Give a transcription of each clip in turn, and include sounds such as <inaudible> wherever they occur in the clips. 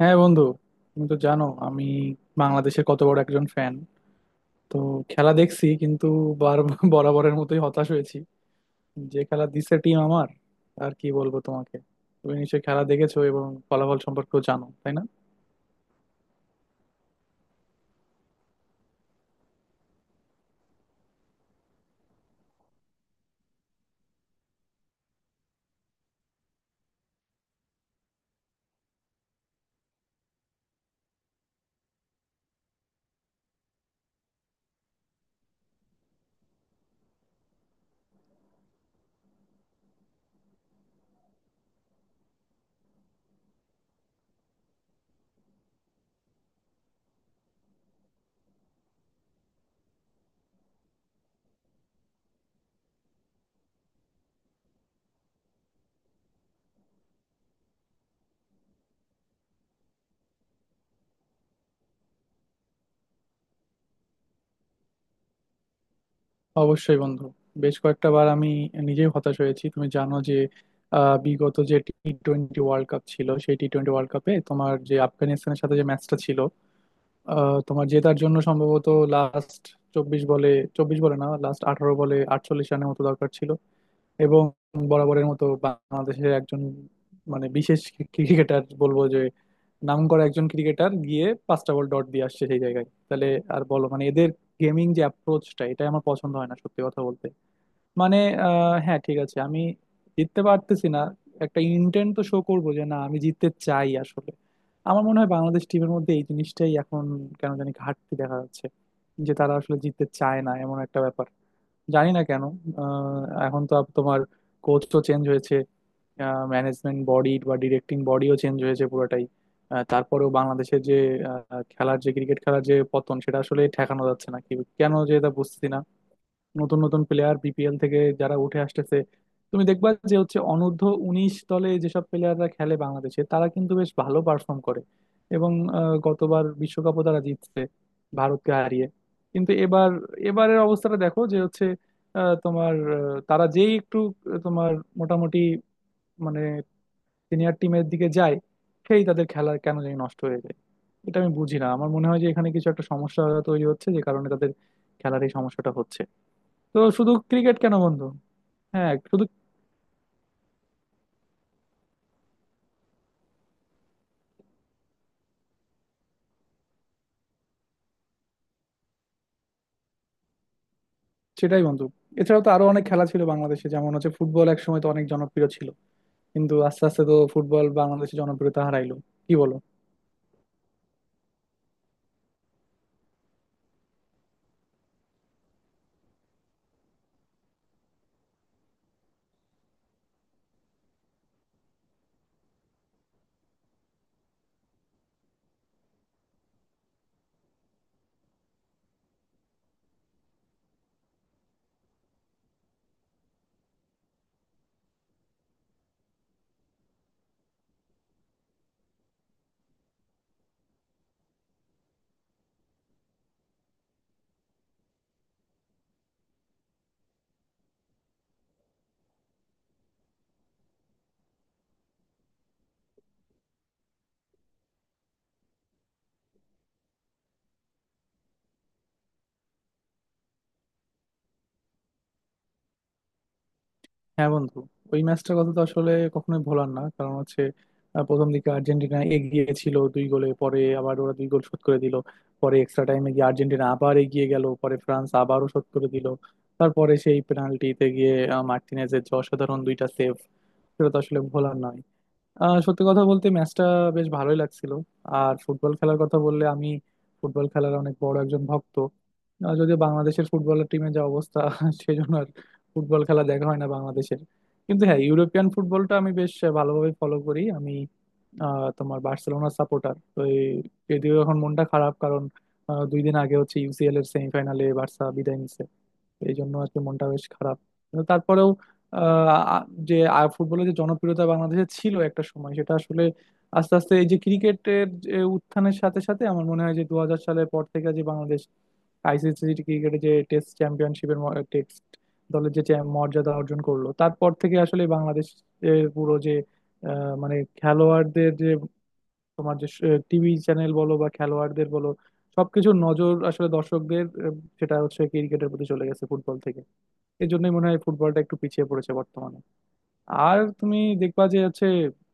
হ্যাঁ বন্ধু, তুমি তো জানো আমি বাংলাদেশের কত বড় একজন ফ্যান। তো খেলা দেখছি, কিন্তু বার <laughs> বরাবরের মতোই হতাশ হয়েছি, যে খেলা দিছে টিম আমার। আর কি বলবো তোমাকে? তুমি নিশ্চয়ই খেলা দেখেছো এবং ফলাফল সম্পর্কেও জানো, তাই না? অবশ্যই বন্ধু, বেশ কয়েকটা বার আমি নিজেই হতাশ হয়েছি। তুমি জানো যে বিগত যে টি20 ওয়ার্ল্ড কাপ ছিল, সেই টি20 ওয়ার্ল্ড কাপে তোমার যে আফগানিস্তানের সাথে যে ম্যাচটা ছিল, তোমার জেতার জন্য সম্ভবত লাস্ট 24 বলে, 24 বলে না, লাস্ট 18 বলে 48 রানের মতো দরকার ছিল। এবং বরাবরের মতো বাংলাদেশের একজন, মানে বিশেষ ক্রিকেটার বলবো যে, নাম করা একজন ক্রিকেটার গিয়ে পাঁচটা বল ডট দিয়ে আসছে সেই জায়গায়। তাহলে আর বলো, মানে এদের গেমিং যে অ্যাপ্রোচটা, এটা আমার পছন্দ হয় না সত্যি কথা বলতে। মানে হ্যাঁ ঠিক আছে, আমি জিততে পারতেছি না, একটা ইন্টেন্ট তো শো করবো যে না, আমি জিততে চাই আসলে। আমার মনে হয় বাংলাদেশ টিমের মধ্যে এই জিনিসটাই এখন কেন জানি ঘাটতি দেখা যাচ্ছে, যে তারা আসলে জিততে চায় না, এমন একটা ব্যাপার। জানি না কেন। আহ, এখন তো তোমার কোচ তো চেঞ্জ হয়েছে, ম্যানেজমেন্ট বডি বা ডিরেক্টিং বডিও চেঞ্জ হয়েছে পুরোটাই। তারপরেও বাংলাদেশের যে খেলার যে, ক্রিকেট খেলার যে পতন, সেটা আসলে ঠেকানো যাচ্ছে না কি, কেন যে এটা বুঝতেছি না। নতুন নতুন প্লেয়ার বিপিএল থেকে যারা উঠে আসতেছে, তুমি দেখবা যে হচ্ছে, অনূর্ধ্ব 19 দলে যেসব প্লেয়াররা খেলে বাংলাদেশে, তারা কিন্তু বেশ ভালো পারফর্ম করে। এবং গতবার বিশ্বকাপও তারা জিতছে ভারতকে হারিয়ে। কিন্তু এবার, এবারের অবস্থাটা দেখো যে হচ্ছে আহ, তোমার আহ, তারা যেই একটু আহ, তোমার মোটামুটি, মানে, সিনিয়র টিমের দিকে যায়, সেই তাদের খেলা কেন জানি নষ্ট হয়ে যায়। এটা আমি বুঝি না। আমার মনে হয় যে এখানে কিছু একটা সমস্যা তৈরি হচ্ছে, যে কারণে তাদের খেলার এই সমস্যাটা হচ্ছে। তো শুধু ক্রিকেট কেন বন্ধু? হ্যাঁ, শুধু। সেটাই বন্ধু, এছাড়াও তো আরো অনেক খেলা ছিল বাংলাদেশে, যেমন হচ্ছে ফুটবল। এক সময় তো অনেক জনপ্রিয় ছিল, কিন্তু আস্তে আস্তে তো ফুটবল বাংলাদেশে জনপ্রিয়তা হারাইলো। কি বলো? হ্যাঁ বন্ধু, ওই ম্যাচটার কথা তো আসলে কখনোই ভোলার না। কারণ হচ্ছে, প্রথম দিকে আর্জেন্টিনা এগিয়ে ছিল দুই গোলে, পরে আবার ওরা দুই গোল শোধ করে দিল। পরে এক্সট্রা টাইমে গিয়ে আর্জেন্টিনা আবার এগিয়ে গেল, পরে ফ্রান্স আবারও শোধ করে দিল। তারপরে সেই পেনাল্টিতে গিয়ে মার্টিনেজের যে অসাধারণ দুইটা সেভ, সেটা তো আসলে ভোলার না। সত্যি কথা বলতে, ম্যাচটা বেশ ভালোই লাগছিল। আর ফুটবল খেলার কথা বললে, আমি ফুটবল খেলার অনেক বড় একজন ভক্ত। যদিও বাংলাদেশের ফুটবলের টিমে যা অবস্থা <laughs> সেই জন্য আর ফুটবল খেলা দেখা হয় না বাংলাদেশের। কিন্তু হ্যাঁ, ইউরোপিয়ান ফুটবলটা আমি বেশ ভালোভাবে ফলো করি আমি। তোমার বার্সেলোনা সাপোর্টার তো যদিও এখন মনটা খারাপ, কারণ 2 দিন আগে হচ্ছে ইউসিএল এর সেমিফাইনালে বার্সা বিদায় নিছে। এই জন্য আর কি মনটা বেশ খারাপ। কিন্তু তারপরেও আহ, আ- যে ফুটবলের যে জনপ্রিয়তা বাংলাদেশে ছিল একটা সময়, সেটা আসলে আস্তে আস্তে, এই যে ক্রিকেটের যে উত্থানের সাথে সাথে, আমার মনে হয় যে 2000 সালের পর থেকে, যে বাংলাদেশ আইসিসি ক্রিকেটে যে টেস্ট চ্যাম্পিয়নশিপের, টেস্ট দলের যে মর্যাদা অর্জন করলো, তারপর থেকে আসলে বাংলাদেশ পুরো যে মানে খেলোয়াড়দের যে, তোমার যে টিভি চ্যানেল বলো বা খেলোয়াড়দের বলো, সবকিছুর নজর আসলে দর্শকদের, সেটা হচ্ছে ক্রিকেটের প্রতি চলে গেছে ফুটবল থেকে। এই জন্যই মনে হয় ফুটবলটা একটু পিছিয়ে পড়েছে বর্তমানে। আর তুমি দেখবা যে হচ্ছে,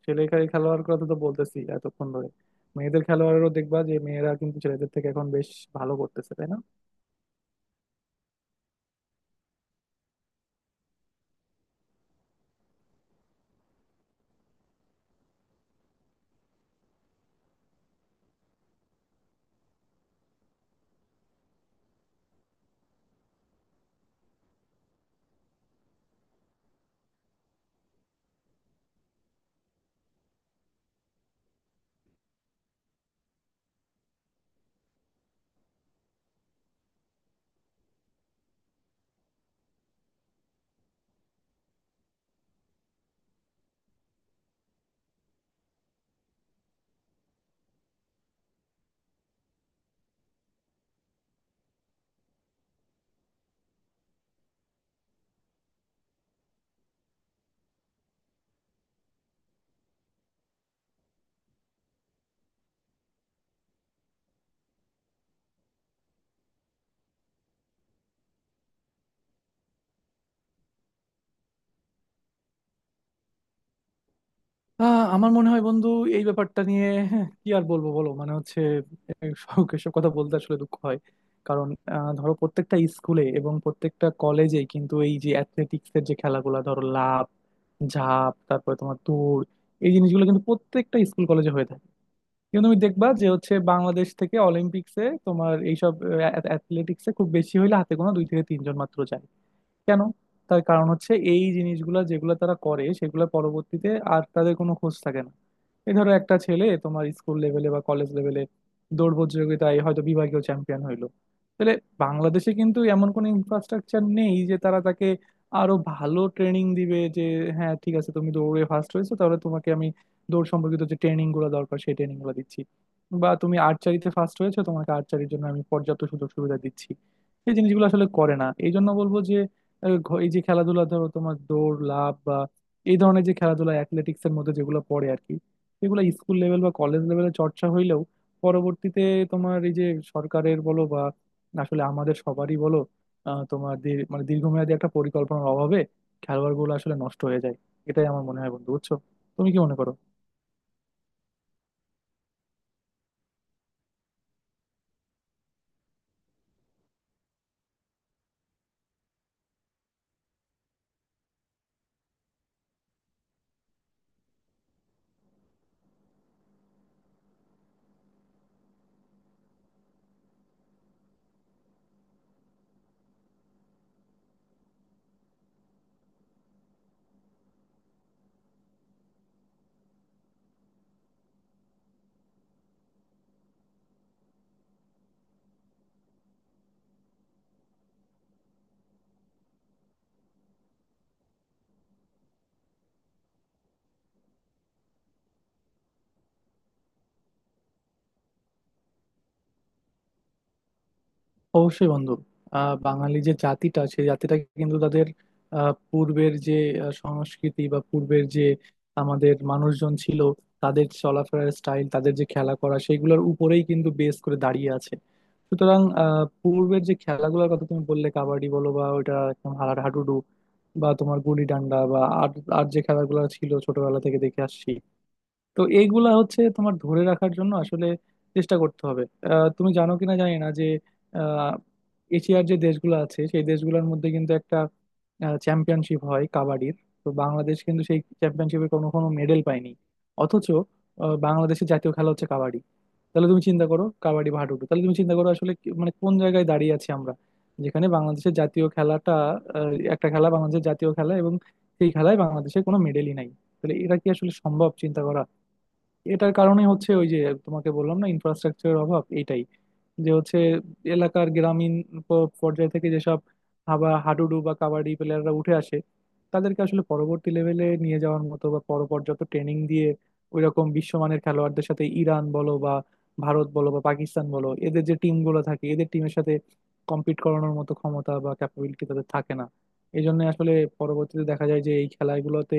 খেলোয়াড় কথা তো বলতেছি এতক্ষণ ধরে, মেয়েদের খেলোয়াড়েরও দেখবা, যে মেয়েরা কিন্তু ছেলেদের থেকে এখন বেশ ভালো করতেছে, তাই না? আমার মনে হয় বন্ধু, এই ব্যাপারটা নিয়ে হ্যাঁ, কি আর বলবো বলো, মানে হচ্ছে সব এসব কথা বলতে আসলে দুঃখ হয়। কারণ ধরো প্রত্যেকটা স্কুলে এবং প্রত্যেকটা কলেজে কিন্তু এই যে অ্যাথলেটিক্স এর যে খেলাগুলো, ধরো লাফ ঝাঁপ, তারপরে তোমার দৌড়, এই জিনিসগুলো কিন্তু প্রত্যেকটা স্কুল কলেজে হয়ে থাকে। কিন্তু তুমি দেখবা যে হচ্ছে, বাংলাদেশ থেকে অলিম্পিক্সে তোমার এইসব অ্যাথলেটিক্সে খুব বেশি হইলে হাতে গোনা দুই থেকে তিনজন মাত্র যায়। কেন? তার কারণ হচ্ছে, এই জিনিসগুলো যেগুলো তারা করে, সেগুলো পরবর্তীতে আর তাদের কোনো খোঁজ থাকে না। এই ধরো একটা ছেলে তোমার স্কুল লেভেলে বা কলেজ লেভেলে দৌড় প্রতিযোগিতায় হয়তো বিভাগীয় চ্যাম্পিয়ন হইলো। তাহলে বাংলাদেশে কিন্তু এমন কোনো ইনফ্রাস্ট্রাকচার নেই যে তারা তাকে আরো ভালো ট্রেনিং দিবে, যে হ্যাঁ ঠিক আছে, তুমি দৌড়ে ফার্স্ট হয়েছো, তাহলে তোমাকে আমি দৌড় সম্পর্কিত যে ট্রেনিং গুলো দরকার সেই ট্রেনিং গুলো দিচ্ছি, বা তুমি আর্চারিতে ফার্স্ট হয়েছো, তোমাকে আর্চারির জন্য আমি পর্যাপ্ত সুযোগ সুবিধা দিচ্ছি। এই জিনিসগুলো আসলে করে না। এই জন্য বলবো যে এই যে খেলাধুলা, ধরো তোমার দৌড় লাফ বা এই ধরনের যে খেলাধুলা অ্যাথলেটিক্স এর মধ্যে যেগুলো পড়ে আর কি, সেগুলো স্কুল লেভেল বা কলেজ লেভেলে চর্চা হইলেও পরবর্তীতে তোমার এই যে সরকারের বলো বা আসলে আমাদের সবারই বলো, মানে দীর্ঘমেয়াদী একটা পরিকল্পনার অভাবে খেলোয়াড় গুলো আসলে নষ্ট হয়ে যায়। এটাই আমার মনে হয় বন্ধু, বুঝছো? তুমি কি মনে করো? অবশ্যই বন্ধু। বাঙালি যে জাতিটা, সেই জাতিটা কিন্তু তাদের পূর্বের যে সংস্কৃতি বা পূর্বের যে আমাদের মানুষজন ছিল, তাদের চলাফেরার স্টাইল, তাদের যে খেলা করা, সেইগুলোর উপরেই কিন্তু বেস করে দাঁড়িয়ে আছে। সুতরাং পূর্বের যে খেলাগুলোর কথা তুমি বললে, কাবাডি বলো বা ওইটা একদম হাডুডু, বা তোমার গুলি ডান্ডা বা আর, আর যে খেলাগুলো ছিল ছোটবেলা থেকে দেখে আসছি, তো এইগুলা হচ্ছে তোমার ধরে রাখার জন্য আসলে চেষ্টা করতে হবে। তুমি জানো কিনা জানি না যে আহ, এশিয়ার যে দেশগুলো আছে, সেই দেশগুলোর মধ্যে কিন্তু একটা চ্যাম্পিয়নশিপ হয় কাবাডির। তো বাংলাদেশ কিন্তু সেই চ্যাম্পিয়নশিপে কোনো কোনো মেডেল পায়নি। অথচ বাংলাদেশের জাতীয় খেলা হচ্ছে কাবাডি। তাহলে তুমি চিন্তা করো, কাবাডি হাডুডু, তাহলে তুমি চিন্তা করো আসলে মানে কোন জায়গায় দাঁড়িয়ে আছি আমরা? যেখানে বাংলাদেশের জাতীয় খেলাটা, একটা খেলা বাংলাদেশের জাতীয় খেলা, এবং সেই খেলায় বাংলাদেশের কোনো মেডেলই নাই। তাহলে এটা কি আসলে সম্ভব চিন্তা করা? এটার কারণেই হচ্ছে ওই যে তোমাকে বললাম না, ইনফ্রাস্ট্রাকচারের অভাব, এইটাই। যে হচ্ছে এলাকার গ্রামীণ পর্যায় থেকে যেসব হাবা হাডুডু বা কাবাডি প্লেয়াররা উঠে আসে, তাদেরকে আসলে পরবর্তী লেভেলে নিয়ে যাওয়ার মতো বা পর্যাপ্ত ট্রেনিং দিয়ে ওইরকম বিশ্বমানের খেলোয়াড়দের সাথে, ইরান বলো বা ভারত বলো বা পাকিস্তান বলো, এদের যে টিমগুলো থাকে, এদের টিমের সাথে কম্পিট করানোর মতো ক্ষমতা বা ক্যাপাবিলিটি তাদের থাকে না। এই জন্য আসলে পরবর্তীতে দেখা যায় যে এই খেলাগুলোতে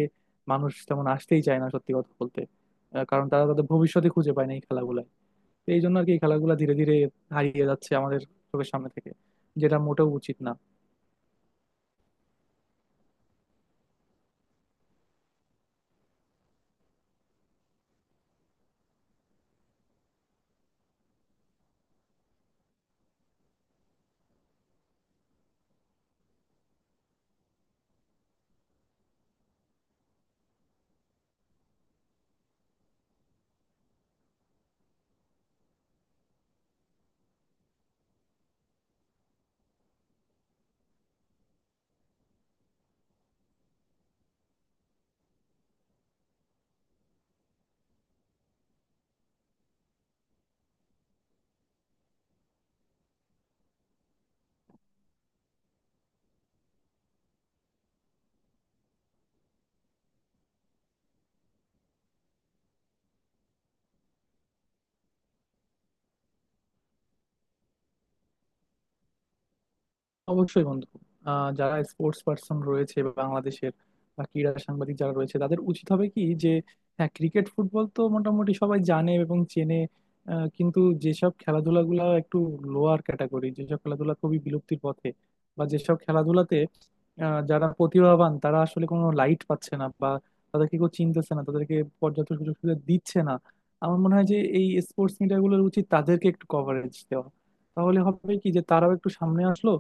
মানুষ তেমন আসতেই চায় না সত্যি কথা বলতে। কারণ তারা তাদের ভবিষ্যতে খুঁজে পায় না এই খেলাগুলায়। তো এই জন্য আর কি এই খেলাগুলো ধীরে ধীরে হারিয়ে যাচ্ছে আমাদের চোখের সামনে থেকে, যেটা মোটেও উচিত না। অবশ্যই বন্ধু। যারা স্পোর্টস পার্সন রয়েছে বা বাংলাদেশের, বা ক্রীড়া সাংবাদিক যারা রয়েছে, তাদের উচিত হবে কি যে, হ্যাঁ ক্রিকেট ফুটবল তো মোটামুটি সবাই জানে এবং চেনে। কিন্তু যেসব খেলাধুলাগুলো একটু লোয়ার ক্যাটাগরি, যেসব খেলাধুলা খুবই বিলুপ্তির পথে, বা যেসব খেলাধুলাতে যারা প্রতিভাবান, তারা আসলে কোনো লাইট পাচ্ছে না, বা তাদেরকে কেউ চিনতেছে না, তাদেরকে পর্যাপ্ত সুযোগ সুবিধা দিচ্ছে না, আমার মনে হয় যে এই স্পোর্টস মিডিয়াগুলোর উচিত তাদেরকে একটু কভারেজ দেওয়া। তাহলে হবে কি যে তারাও একটু সামনে আসলো,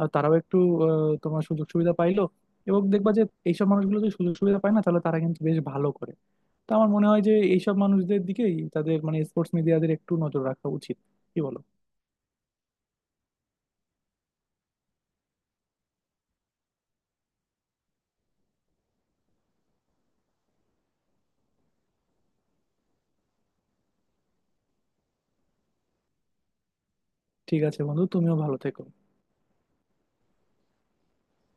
তারাও একটু তোমার সুযোগ সুবিধা পাইলো। এবং দেখবা যে এইসব মানুষগুলো যদি সুযোগ সুবিধা পায় না, তাহলে তারা কিন্তু বেশ ভালো করে। তো আমার মনে হয় যে এইসব মানুষদের দিকেই তাদের মানে স্পোর্টস মিডিয়াদের একটু নজর রাখা উচিত। কি বলো? ঠিক আছে বন্ধু, তুমিও ভালো থেকো।